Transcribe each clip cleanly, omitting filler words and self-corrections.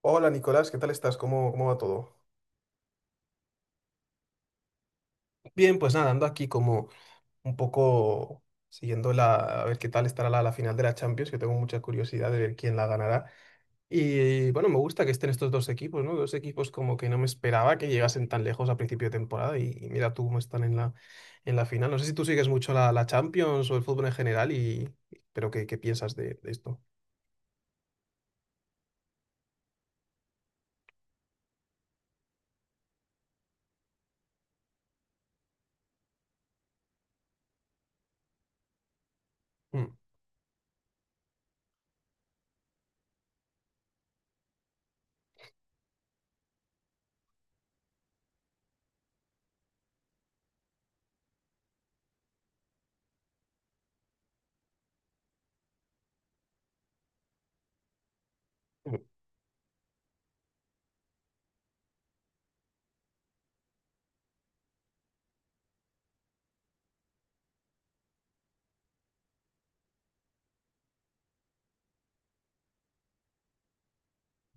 Hola Nicolás, ¿qué tal estás? ¿Cómo va todo? Bien, pues nada, ando aquí como un poco siguiendo a ver qué tal estará la final de la Champions, que tengo mucha curiosidad de ver quién la ganará. Y bueno, me gusta que estén estos dos equipos, ¿no? Dos equipos como que no me esperaba que llegasen tan lejos a principio de temporada y mira tú cómo están en en la final. No sé si tú sigues mucho la Champions o el fútbol en general, pero ¿qué piensas de esto? Mm. Mm.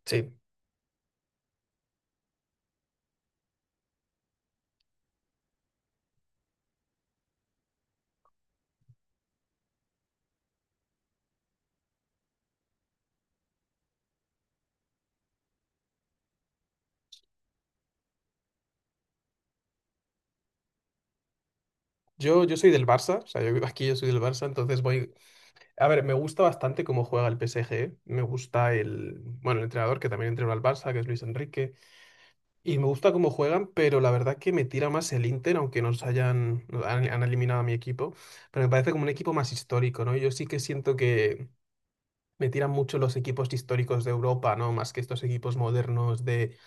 Sí, yo soy del Barça, o sea, yo vivo aquí, yo soy del Barça, entonces voy. A ver, me gusta bastante cómo juega el PSG. Me gusta el, bueno, el entrenador que también entrenó al Barça, que es Luis Enrique. Y me gusta cómo juegan, pero la verdad que me tira más el Inter, aunque nos han eliminado a mi equipo. Pero me parece como un equipo más histórico, ¿no? Yo sí que siento que me tiran mucho los equipos históricos de Europa, ¿no? Más que estos equipos modernos de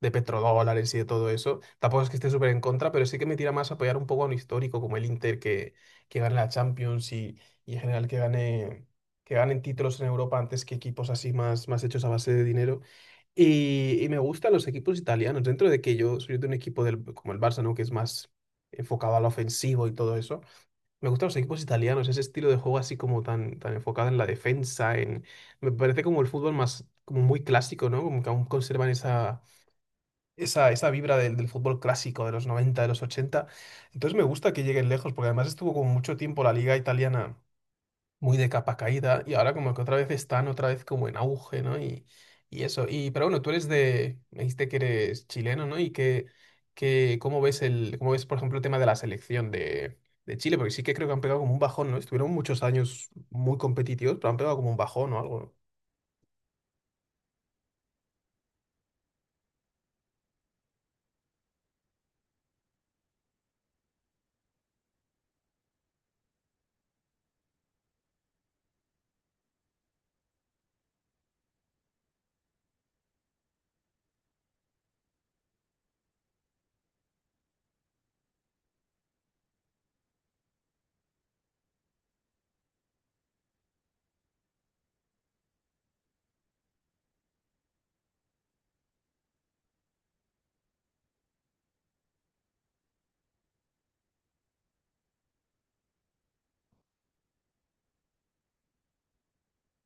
de petrodólares y de todo eso. Tampoco es que esté súper en contra, pero sí que me tira más a apoyar un poco a un histórico como el Inter que gane la Champions y en general que que ganen títulos en Europa antes que equipos así más hechos a base de dinero. Y me gustan los equipos italianos, dentro de que yo soy de un equipo del, como el Barça, ¿no? Que es más enfocado al ofensivo y todo eso. Me gustan los equipos italianos, ese estilo de juego así como tan enfocado en la defensa, en... Me parece como el fútbol como muy clásico, ¿no? Como que aún conservan esa vibra del fútbol clásico de los 90 de los ochenta. Entonces me gusta que lleguen lejos, porque además estuvo como mucho tiempo la liga italiana muy de capa caída y ahora como que otra vez están otra vez como en auge, ¿no? Y eso. Y, pero bueno, tú eres de, me dijiste que eres chileno, ¿no? Que ¿cómo ves el, cómo ves, por ejemplo, el tema de la selección de Chile? Porque sí que creo que han pegado como un bajón, ¿no? Estuvieron muchos años muy competitivos, pero han pegado como un bajón o algo.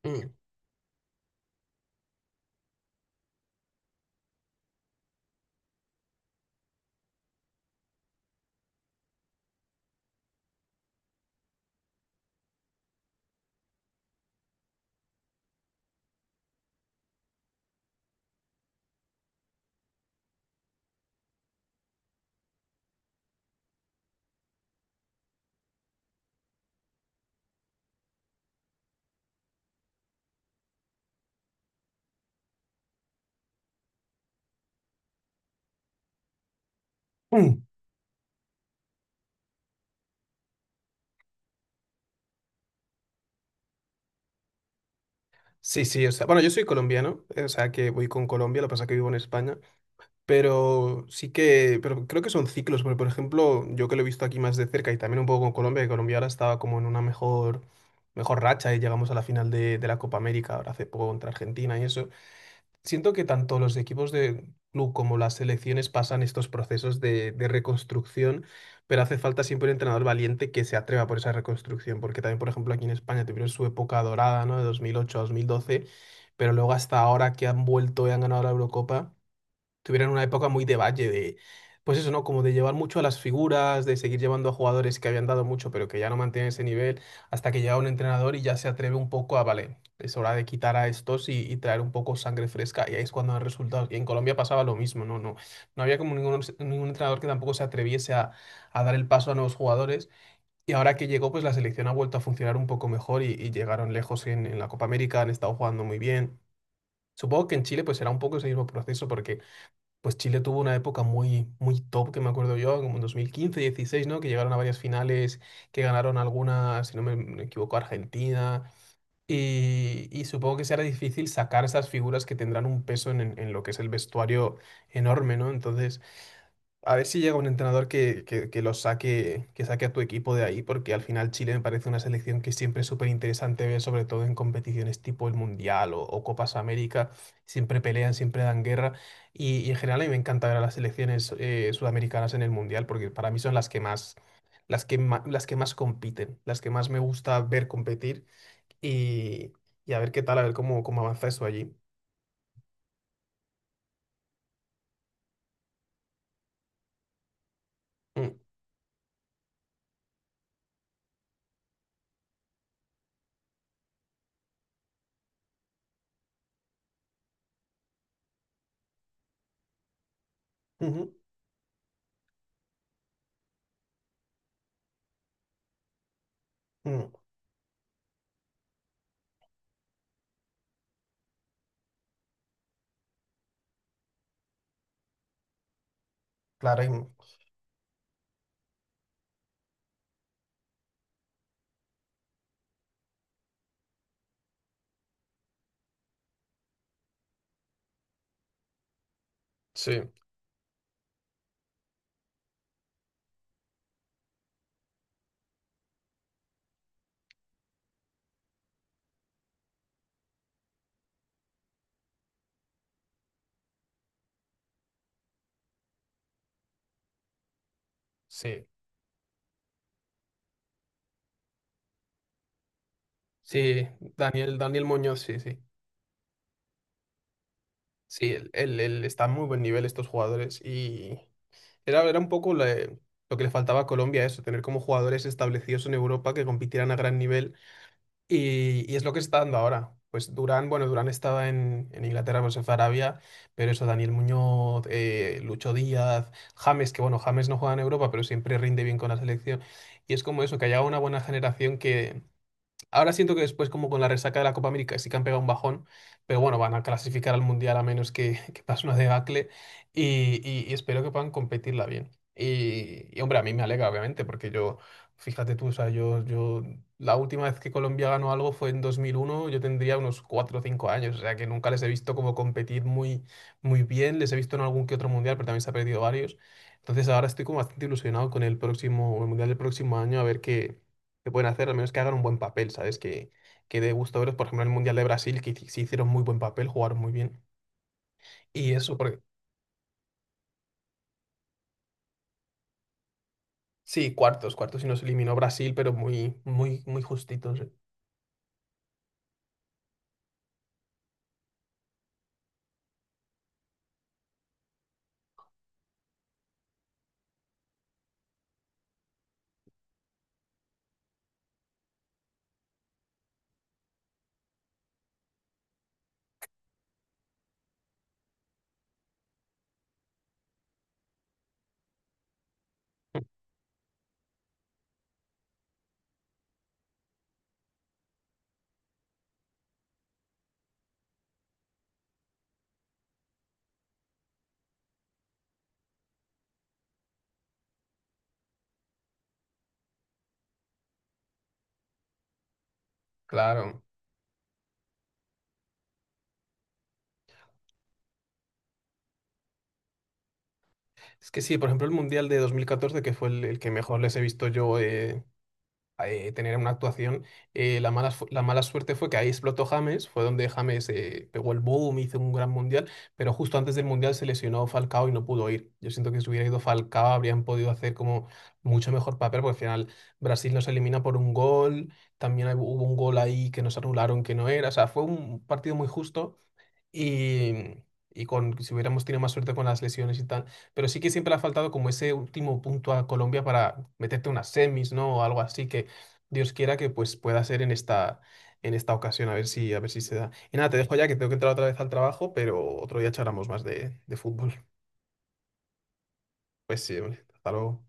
¿No? Mm. Mm. Sí, sí, o sea, bueno, yo soy colombiano, o sea que voy con Colombia, lo que pasa es que vivo en España, pero sí que, pero creo que son ciclos, porque por ejemplo, yo que lo he visto aquí más de cerca y también un poco con Colombia, que Colombia ahora estaba como en una mejor racha y llegamos a la final de la Copa América ahora hace poco contra Argentina y eso. Siento que tanto los equipos de club como las selecciones pasan estos procesos de reconstrucción, pero hace falta siempre un entrenador valiente que se atreva por esa reconstrucción, porque también, por ejemplo, aquí en España tuvieron su época dorada, ¿no? De 2008 a 2012, pero luego hasta ahora que han vuelto y han ganado la Eurocopa, tuvieron una época muy de valle, de, pues eso, ¿no? Como de llevar mucho a las figuras, de seguir llevando a jugadores que habían dado mucho, pero que ya no mantienen ese nivel, hasta que llega un entrenador y ya se atreve un poco a, vale, es hora de quitar a estos y traer un poco sangre fresca, y ahí es cuando dan resultados. Y en Colombia pasaba lo mismo, ¿no? No, no había como ningún entrenador que tampoco se atreviese a dar el paso a nuevos jugadores. Y ahora que llegó, pues la selección ha vuelto a funcionar un poco mejor y llegaron lejos en la Copa América, han estado jugando muy bien. Supongo que en Chile pues será un poco ese mismo proceso porque pues Chile tuvo una época muy, muy top, que me acuerdo yo, como en 2015, 16, ¿no? Que llegaron a varias finales, que ganaron algunas, si no me equivoco, Argentina. Y supongo que será difícil sacar esas figuras que tendrán un peso en lo que es el vestuario enorme, ¿no? Entonces, a ver si llega un entrenador que los saque, que saque a tu equipo de ahí, porque al final Chile me parece una selección que siempre es súper interesante ver, sobre todo en competiciones tipo el Mundial o Copas América. Siempre pelean, siempre dan guerra. Y en general a mí me encanta ver a las selecciones sudamericanas en el Mundial, porque para mí son las que más, las que más compiten, las que más me gusta ver competir y, y a ver qué a ver cómo, cómo avanza eso allí. Mm. Ujú. Mm. Claro, y- sí. Sí. Sí, Daniel, Daniel Muñoz, sí, sí. Sí, él está a muy buen nivel estos jugadores y era un poco lo que le faltaba a Colombia, eso, tener como jugadores establecidos en Europa que compitieran a gran nivel y es lo que se está dando ahora. Pues Durán, bueno, Durán estaba en Inglaterra, pues se fue a Arabia, pero eso, Daniel Muñoz, Lucho Díaz, James, que bueno, James no juega en Europa, pero siempre rinde bien con la selección. Y es como eso, que haya una buena generación que. Ahora siento que después, como con la resaca de la Copa América, sí que han pegado un bajón, pero bueno, van a clasificar al Mundial a menos que, que pase una debacle y espero que puedan competirla bien. Y, hombre, a mí me alegra, obviamente, porque yo, fíjate tú, o sea, la última vez que Colombia ganó algo fue en 2001, yo tendría unos 4 o 5 años, o sea, que nunca les he visto como competir muy bien, les he visto en algún que otro Mundial, pero también se ha perdido varios. Entonces ahora estoy como bastante ilusionado con el próximo, el Mundial del próximo año, a ver qué que pueden hacer, al menos que hagan un buen papel, ¿sabes? Que dé gusto verlos. Por ejemplo, en el Mundial de Brasil, sí hicieron muy buen papel, jugaron muy bien. Y eso, porque sí, cuartos y nos eliminó Brasil, pero muy justitos. Eh. Claro. Es que sí, por ejemplo, el Mundial de 2014, que fue el que mejor les he visto yo, tener una actuación. La mala suerte fue que ahí explotó James, fue donde James pegó el boom, hizo un gran mundial, pero justo antes del mundial se lesionó Falcao y no pudo ir. Yo siento que si hubiera ido Falcao habrían podido hacer como mucho mejor papel, porque al final Brasil nos elimina por un gol, también hubo un gol ahí que nos anularon que no era, o sea, fue un partido muy justo y, y con, si hubiéramos tenido más suerte con las lesiones y tal. Pero sí que siempre le ha faltado como ese último punto a Colombia para meterte unas semis, ¿no? O algo así que Dios quiera que pues pueda ser en esta ocasión, a ver si se da. Y nada, te dejo ya que tengo que entrar otra vez al trabajo, pero otro día charlamos más de fútbol. Pues sí, hombre, hasta luego.